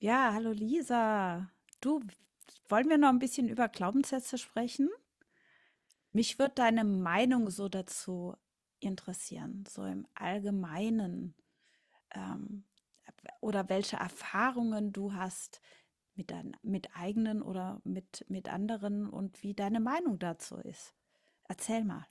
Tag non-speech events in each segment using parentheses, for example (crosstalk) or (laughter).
Ja, hallo Lisa. Du, wollen wir noch ein bisschen über Glaubenssätze sprechen? Mich würde deine Meinung so dazu interessieren, so im Allgemeinen. Ähm, oder welche Erfahrungen du hast mit deinen, mit eigenen oder mit anderen und wie deine Meinung dazu ist. Erzähl mal.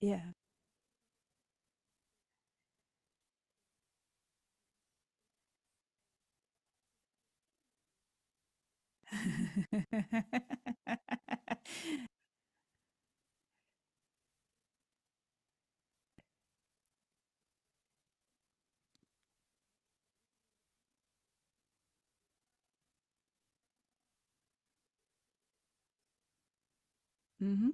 Ja. (laughs) Mhm.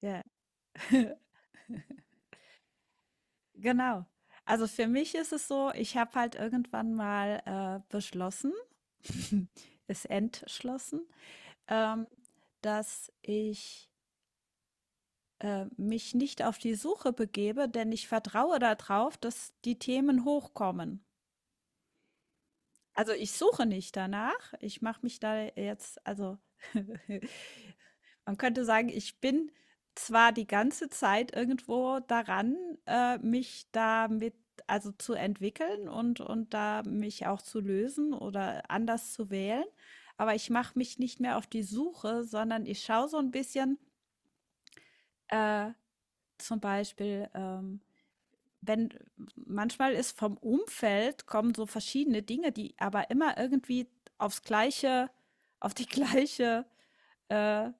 Ja. (laughs) Genau. Also für mich ist es so, ich habe halt irgendwann mal beschlossen, (laughs) es entschlossen, ähm, dass ich mich nicht auf die Suche begebe, denn ich vertraue darauf, dass die Themen hochkommen. Also, ich suche nicht danach. Ich mache mich da jetzt also (laughs) man könnte sagen, ich bin zwar die ganze Zeit irgendwo daran, mich damit also zu entwickeln und da mich auch zu lösen oder anders zu wählen, aber ich mache mich nicht mehr auf die Suche, sondern ich schaue so ein bisschen, äh, zum Beispiel, wenn manchmal ist vom Umfeld kommen so verschiedene Dinge, die aber immer irgendwie aufs gleiche, auf die gleiche, äh,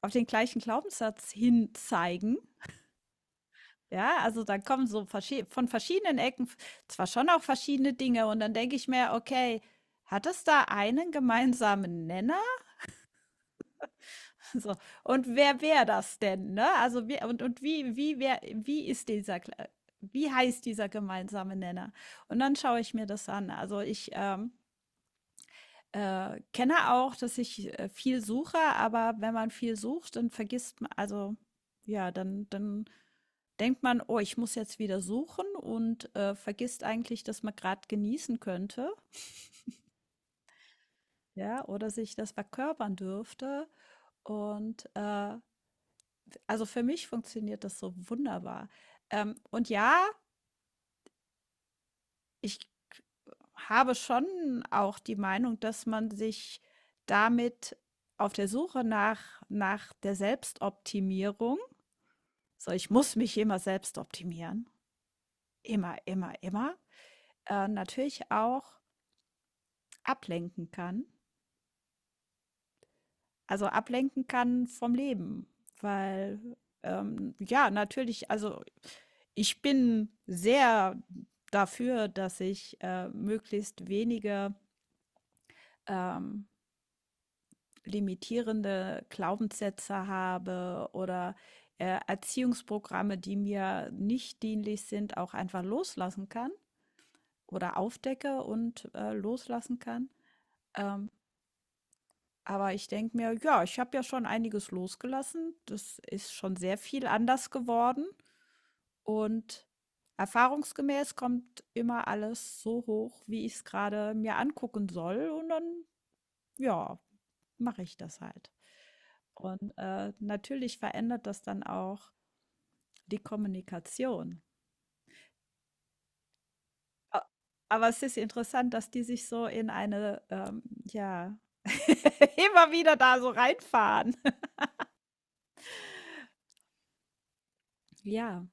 auf den gleichen Glaubenssatz hin zeigen. Ja, also dann kommen so von verschiedenen Ecken zwar schon auch verschiedene Dinge und dann denke ich mir, okay, hat es da einen gemeinsamen Nenner. (laughs) So. Und wer wäre das denn, ne? Also wie, und wie, wie, wer, wie ist dieser, wie heißt dieser gemeinsame Nenner? Und dann schaue ich mir das an. Also ich kenne auch, dass ich viel suche, aber wenn man viel sucht, dann vergisst man, also ja, dann denkt man, oh, ich muss jetzt wieder suchen und vergisst eigentlich, dass man gerade genießen könnte, ja, oder sich das verkörpern dürfte. Und äh, Also für mich funktioniert das so wunderbar. Und ja, ich habe schon auch die Meinung, dass man sich damit auf der Suche nach der Selbstoptimierung, so ich muss mich immer selbst optimieren, immer, immer, immer, natürlich auch ablenken kann. Also, ablenken kann vom Leben, weil, ja, natürlich also, ich bin sehr dafür, dass ich, möglichst wenige, ähm, limitierende Glaubenssätze habe oder, Erziehungsprogramme, die mir nicht dienlich sind, auch einfach loslassen kann oder aufdecke und, loslassen kann. Aber ich denke mir: „Ja, ich habe ja schon einiges losgelassen. Das ist schon sehr viel anders geworden.“ Und erfahrungsgemäß kommt immer alles so hoch, wie ich es gerade mir angucken soll und dann, ja, mache ich das halt. Und, natürlich verändert das dann auch die Kommunikation. A aber es ist interessant, dass die sich so in eine, ja, (laughs) immer wieder da so reinfahren. (laughs) Ja.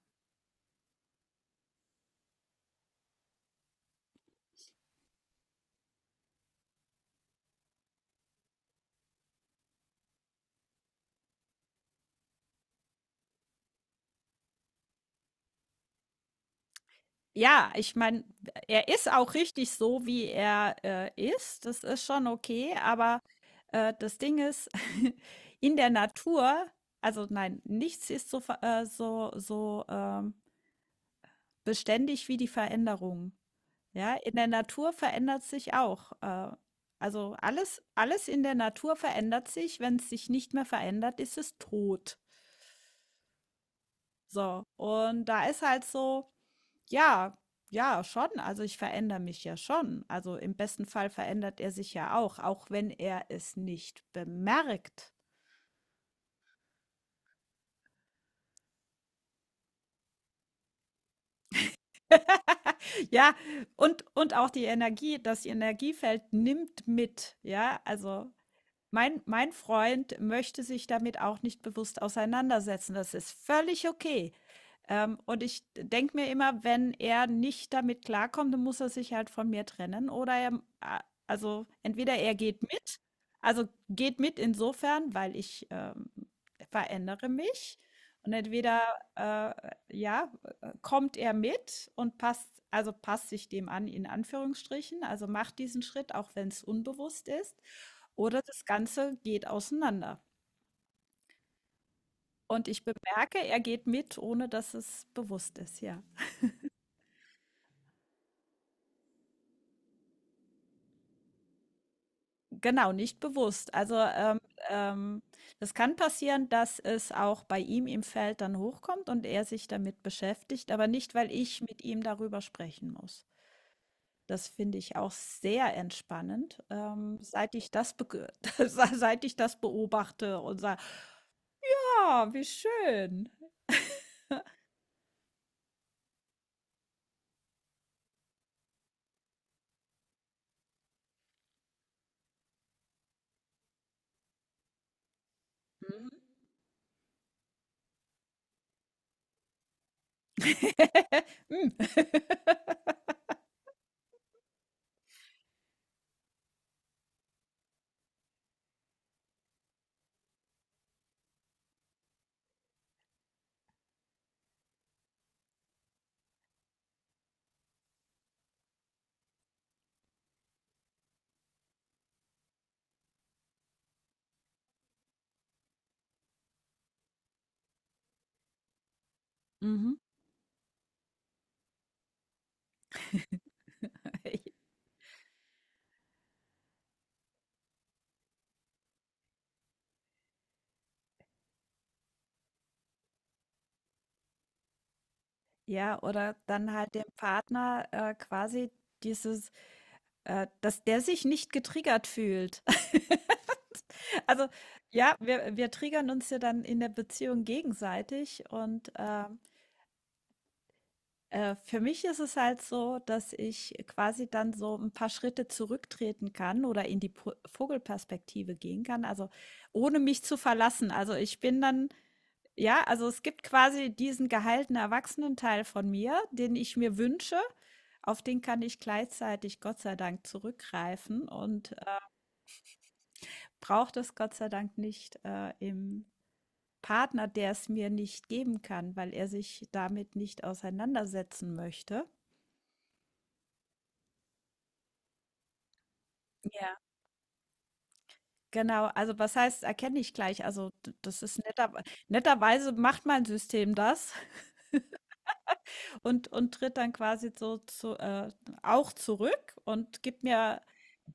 Ja, ich meine, er ist auch richtig so, wie er, ist. Das ist schon okay, aber, das Ding ist, (laughs) in der Natur also nein, nichts ist so ver so beständig wie die Veränderung. Ja, in der Natur verändert sich auch. Also alles in der Natur verändert sich. Wenn es sich nicht mehr verändert, ist es tot. So, und da ist halt so. Ja, ja, schon. Also ich verändere mich ja schon. Also im besten Fall verändert er sich ja auch, auch wenn er es nicht bemerkt. (laughs) Ja, und auch die Energie, das Energiefeld nimmt mit. Ja, also mein Freund möchte sich damit auch nicht bewusst auseinandersetzen. Das ist völlig okay. Und ich denke mir immer, wenn er nicht damit klarkommt, dann muss er sich halt von mir trennen oder er, also entweder er geht mit, also geht mit insofern, weil ich verändere mich und entweder äh, ja, kommt er mit und passt, also passt sich dem an, in Anführungsstrichen, also macht diesen Schritt, auch wenn es unbewusst ist, oder das Ganze geht auseinander. Und ich bemerke, er geht mit, ohne dass es bewusst ist, ja. Genau, nicht bewusst. Also, ähm, das kann passieren, dass es auch bei ihm im Feld dann hochkommt und er sich damit beschäftigt, aber nicht, weil ich mit ihm darüber sprechen muss. Das finde ich auch sehr entspannend, seit ich das (laughs) seit ich das beobachte und sage, ah, wie schön. Mhm. (laughs) Mm. (laughs) Mhm. (laughs) Ja, oder dann halt dem Partner quasi dieses dass der sich nicht getriggert fühlt. (laughs) Also, ja, wir triggern uns ja dann in der Beziehung gegenseitig und, für mich ist es halt so, dass ich quasi dann so ein paar Schritte zurücktreten kann oder in die Po Vogelperspektive gehen kann, also, ohne mich zu verlassen. Also, ich bin dann ja, also, es gibt quasi diesen geheilten Erwachsenenteil von mir, den ich mir wünsche. Auf den kann ich gleichzeitig Gott sei Dank zurückgreifen und, brauche das Gott sei Dank nicht im Partner, der es mir nicht geben kann, weil er sich damit nicht auseinandersetzen möchte. Ja. Genau, also was heißt, erkenne ich gleich. Also das ist netter, netterweise macht mein System das (laughs) und tritt dann quasi so zu, auch zurück und gibt mir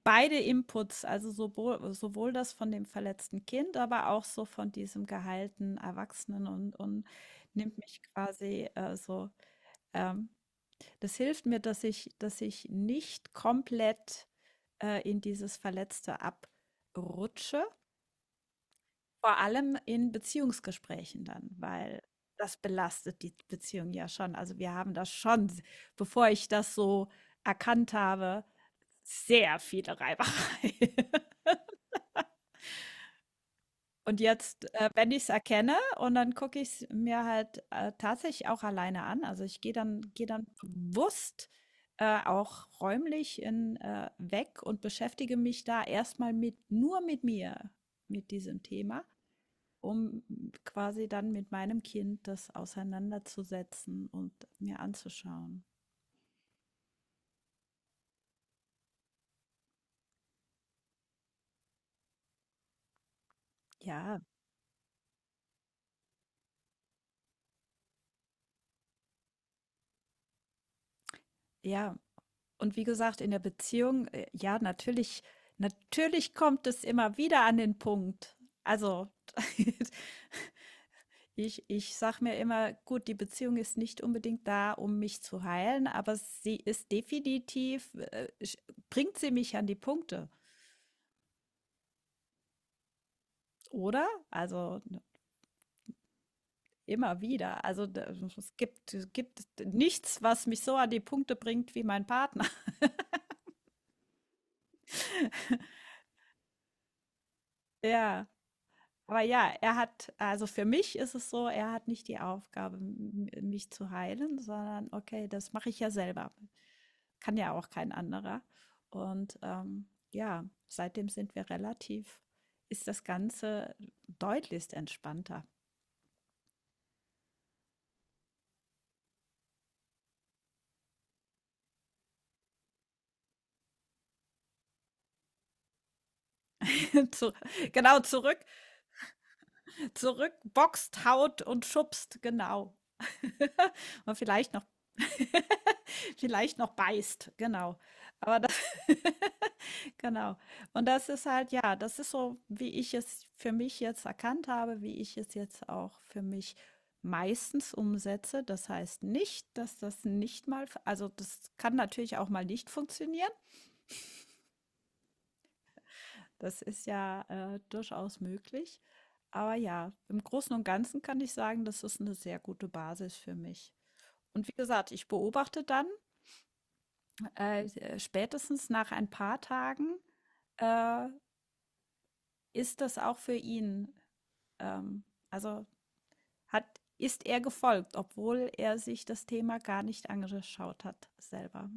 beide Inputs, also sowohl das von dem verletzten Kind, aber auch so von diesem geheilten Erwachsenen und nimmt mich quasi so ähm, das hilft mir, dass ich nicht komplett in dieses Verletzte abrutsche. Vor allem in Beziehungsgesprächen dann, weil das belastet die Beziehung ja schon. Also wir haben das schon, bevor ich das so erkannt habe, sehr viele Reibereien. (laughs) Und jetzt, wenn ich es erkenne und dann gucke ich es mir halt, tatsächlich auch alleine an. Also, ich gehe dann bewusst, auch räumlich in weg und beschäftige mich da erstmal mit nur mit mir, mit diesem Thema, um quasi dann mit meinem Kind das auseinanderzusetzen und mir anzuschauen. Ja, ja. Und wie gesagt, in der Beziehung, ja, natürlich kommt es immer wieder an den Punkt. Also, (laughs) ich sage mir immer, gut, die Beziehung ist nicht unbedingt da, um mich zu heilen, aber sie ist definitiv, bringt sie mich an die Punkte, oder? Also, immer wieder. Also, es gibt nichts, was mich so an die Punkte bringt wie mein Partner. (laughs) Ja. Aber ja, er hat, also für mich ist es so, er hat nicht die Aufgabe, mich zu heilen, sondern okay, das mache ich ja selber. Kann ja auch kein anderer. Und ja, seitdem sind wir relativ, ist das Ganze deutlichst entspannter. (laughs) Zu, genau, zurück, zurück, boxt, haut und schubst, genau. (laughs) Und vielleicht noch, (laughs) vielleicht noch beißt, genau. Aber Genau. Und das ist halt, ja, das ist so, wie ich es für mich jetzt erkannt habe, wie ich es jetzt auch für mich meistens umsetze. Das heißt nicht, dass das nicht mal, also das kann natürlich auch mal nicht funktionieren. Das ist ja durchaus möglich. Aber ja, im Großen und Ganzen kann ich sagen, das ist eine sehr gute Basis für mich. Und wie gesagt, ich beobachte dann spätestens nach ein paar Tagen, äh, ist das auch für ihn Ähm, also hat, ist er gefolgt, obwohl er sich das Thema gar nicht angeschaut hat selber.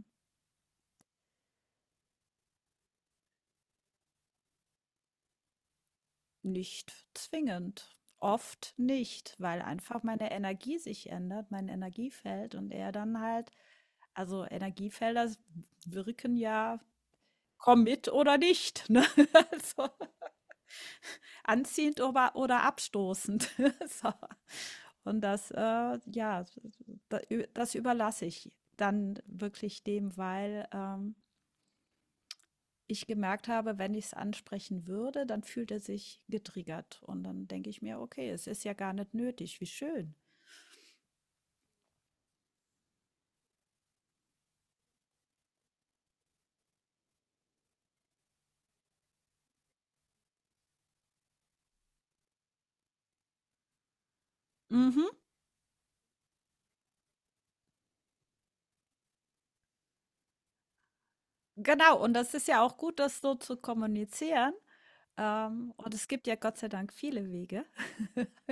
Nicht zwingend. Oft nicht, weil einfach meine Energie sich ändert, mein Energiefeld und er dann halt, also Energiefelder wirken ja komm mit oder nicht. Ne? (laughs) Also, anziehend oder abstoßend. (laughs) so. Und das, ja, da- das überlasse ich dann wirklich dem, weil ich gemerkt habe, wenn ich es ansprechen würde, dann fühlt er sich getriggert. Und dann denke ich mir, okay, es ist ja gar nicht nötig, wie schön. Mhm. Genau, und das ist ja auch gut, das so zu kommunizieren. Und es gibt ja Gott sei Dank viele Wege. (laughs)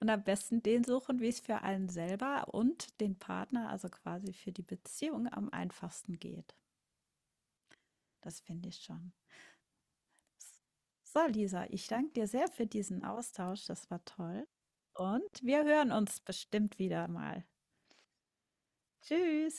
Und am besten den suchen, wie es für einen selber und den Partner, also quasi für die Beziehung am einfachsten geht. Das finde ich schon. So, Lisa, ich danke dir sehr für diesen Austausch. Das war toll. Und wir hören uns bestimmt wieder mal. Tschüss.